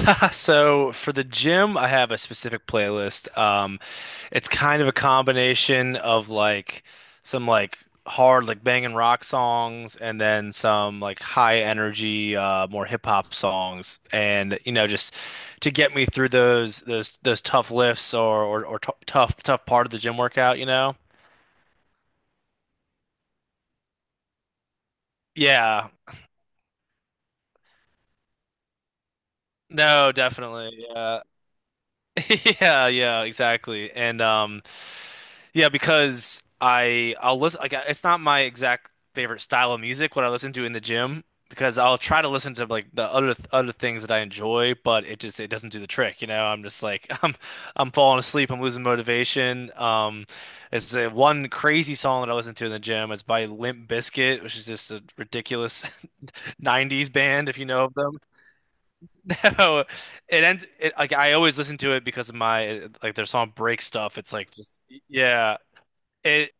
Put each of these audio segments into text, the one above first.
So for the gym, I have a specific playlist. It's kind of a combination of like some like hard like banging rock songs and then some like high energy more hip hop songs, and you know, just to get me through those tough lifts or t tough tough part of the gym workout, you know? Yeah. No, definitely. Yeah. Yeah, yeah, exactly. And yeah, because I'll listen, like it's not my exact favorite style of music what I listen to in the gym, because I'll try to listen to like the other things that I enjoy, but it just it doesn't do the trick, you know. I'm just like I'm falling asleep, I'm losing motivation. It's one crazy song that I listen to in the gym. It's by Limp Bizkit, which is just a ridiculous 90s band if you know of them. So it ends it, like I always listen to it because of my like their song Break Stuff. It's like just yeah. It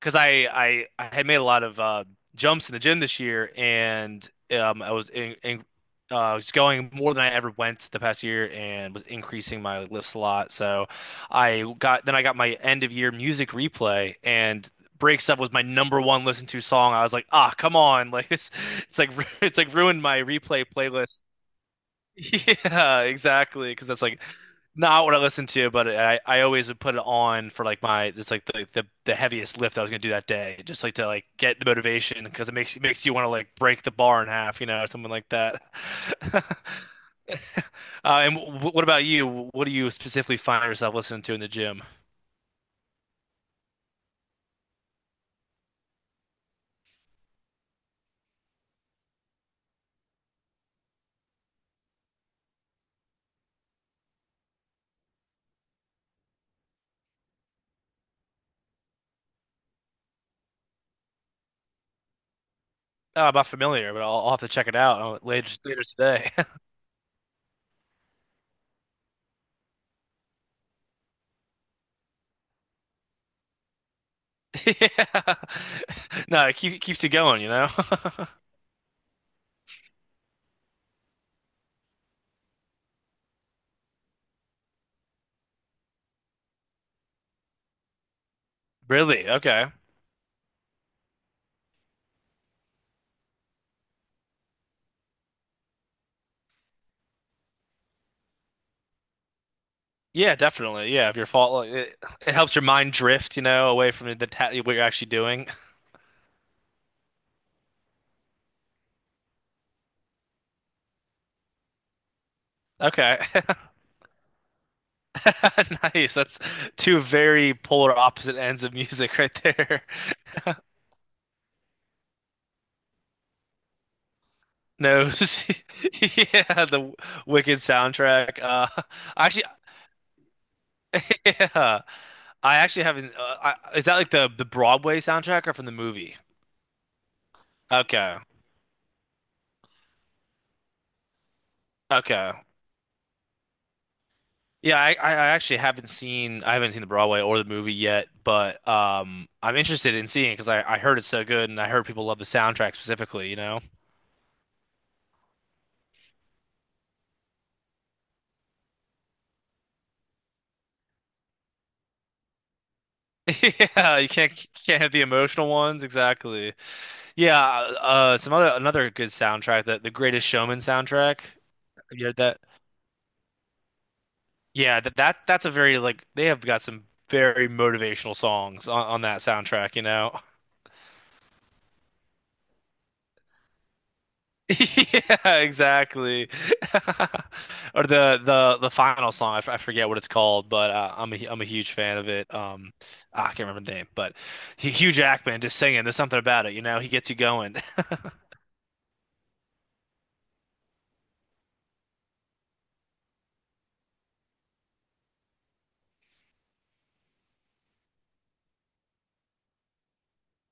because I had made a lot of jumps in the gym this year, and I was in I was going more than I ever went the past year, and was increasing my lifts a lot. So I got my end of year music replay, and Breaks Up was my number one listened to song. I was like, ah, come on, like it's like it's like ruined my replay playlist. Yeah, exactly. Because that's like not what I listen to, but I always would put it on for like my just like the heaviest lift I was gonna do that day, just like to like get the motivation, because it makes you want to like break the bar in half, you know, or something like that. And w what about you? What do you specifically find yourself listening to in the gym? I'm not familiar, but I'll have to check it out later today. Yeah, no, keeps you going, you know. Really? Okay. Yeah, definitely. Yeah, if you're fall, like, it helps your mind drift, you know, away from the ta what you're actually doing. Okay, nice. That's two very polar opposite ends of music right there. No, yeah, the Wicked soundtrack. Actually, yeah, I actually haven't. Is that like the Broadway soundtrack or from the movie? Okay, okay. Yeah, I actually haven't seen the Broadway or the movie yet, but I'm interested in seeing it because I heard it's so good, and I heard people love the soundtrack specifically, you know? Yeah, you can't have the emotional ones, exactly. Yeah, some other another good soundtrack, that the Greatest Showman soundtrack. Have you heard that? Yeah, that's a very like they have got some very motivational songs on that soundtrack, you know? Yeah, exactly. Or the final song. I forget what it's called, but I'm ai am a huge fan of it. Ah, I can't remember the name, but Hugh Jackman just singing. There's something about it, you know. He gets you going.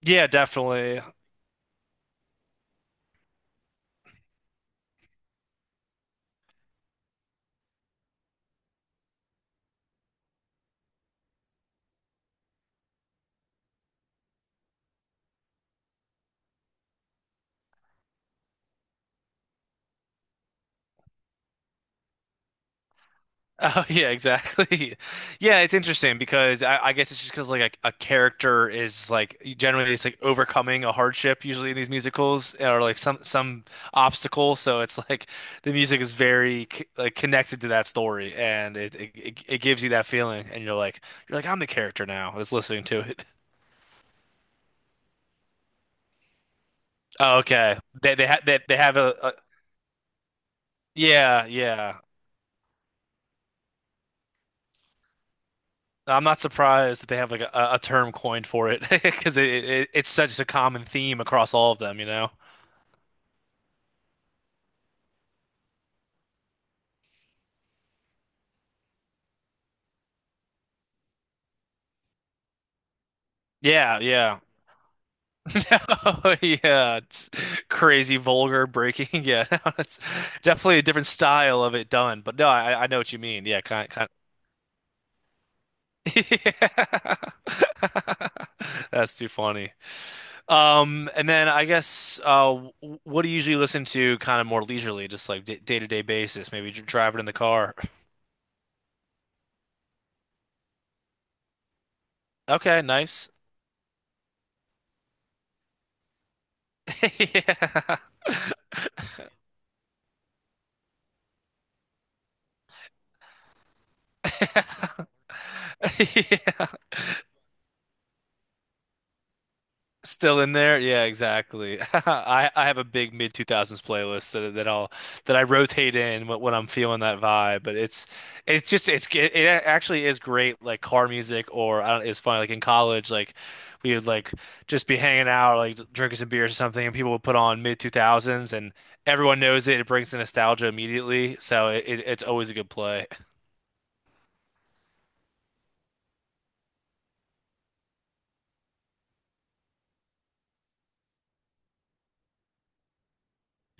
Yeah, definitely. Oh yeah, exactly. Yeah, it's interesting because I guess it's just because like a character is like generally it's like overcoming a hardship usually in these musicals or like some obstacle. So it's like the music is very like connected to that story, and it gives you that feeling and you're like I'm the character now that's listening to it. Oh, okay, they have a yeah, yeah. I'm not surprised that they have like a term coined for it because it's such a common theme across all of them, you know? Yeah, yeah. Yeah, it's crazy, vulgar, breaking. Yeah, no, it's definitely a different style of it done. But no, I know what you mean. Yeah, kind. Yeah. That's too funny. And then I guess w- What do you usually listen to, kind of more leisurely, just like d day-to-day basis? Maybe driving in the car. Okay, nice. Yeah. Yeah. Still in there? Yeah, exactly. I have a big mid 2000s playlist that I'll that I rotate in when I'm feeling that vibe, but it's just it actually is great like car music. Or I don't, it's funny like in college like we would like just be hanging out like drinking some beers or something, and people would put on mid 2000s and everyone knows it, it brings the nostalgia immediately, so it's always a good play.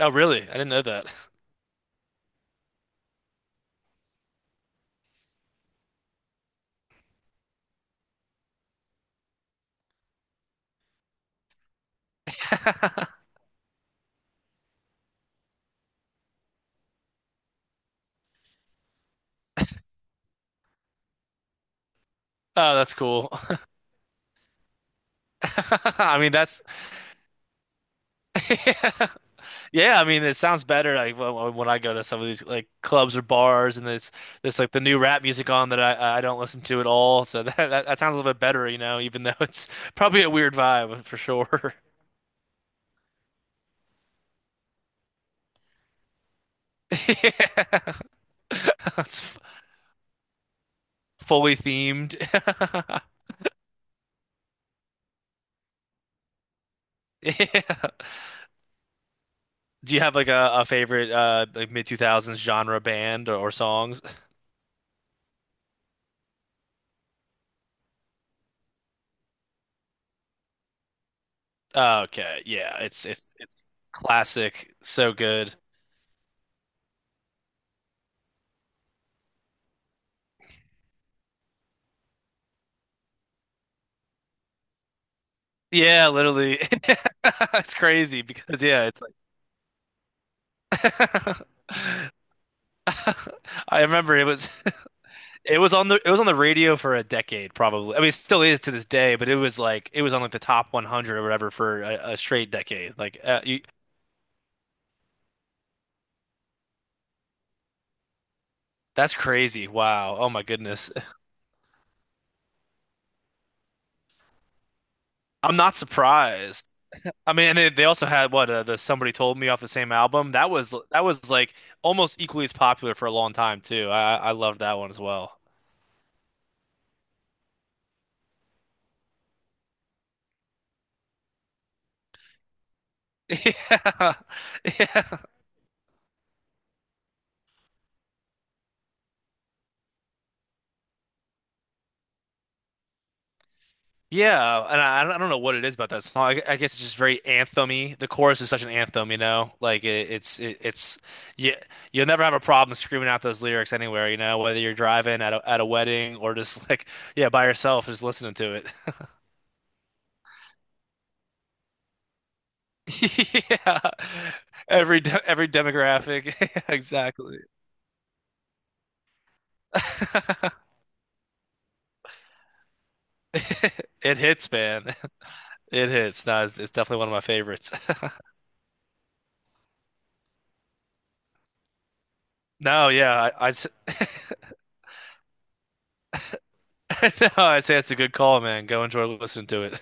Oh, really? I didn't know that. Oh, that's cool. I mean that's yeah, I mean it sounds better like when I go to some of these like clubs or bars, and there's like the new rap music on, that I don't listen to at all, so that sounds a little bit better, you know, even though it's probably a weird vibe for sure. Yeah. it's f- Fully themed. Yeah. Do you have like a favorite like mid 2000s genre band or songs? Okay, yeah, it's classic, so good. Yeah, literally. It's crazy because yeah, it's like I remember it was it was on the it was on the radio for a decade probably. I mean, it still is to this day, but it was like it was on like the top 100 or whatever for a straight decade. Like you, that's crazy. Wow. Oh my goodness. I'm not surprised. I mean, and they also had what, the Somebody Told Me off the same album. That was like almost equally as popular for a long time too. I loved that one as well. Yeah. Yeah. Yeah, and I don't know what it is about that song. I guess it's just very anthem-y. The chorus is such an anthem, you know? Like it's you, you'll never have a problem screaming out those lyrics anywhere, you know, whether you're driving at a wedding or just like yeah, by yourself just listening to it. Yeah. Every demographic. Exactly. It hits, man. It hits. No, it's definitely one of my favorites. No, yeah, no, I say it's a good call, man. Go enjoy listening to it.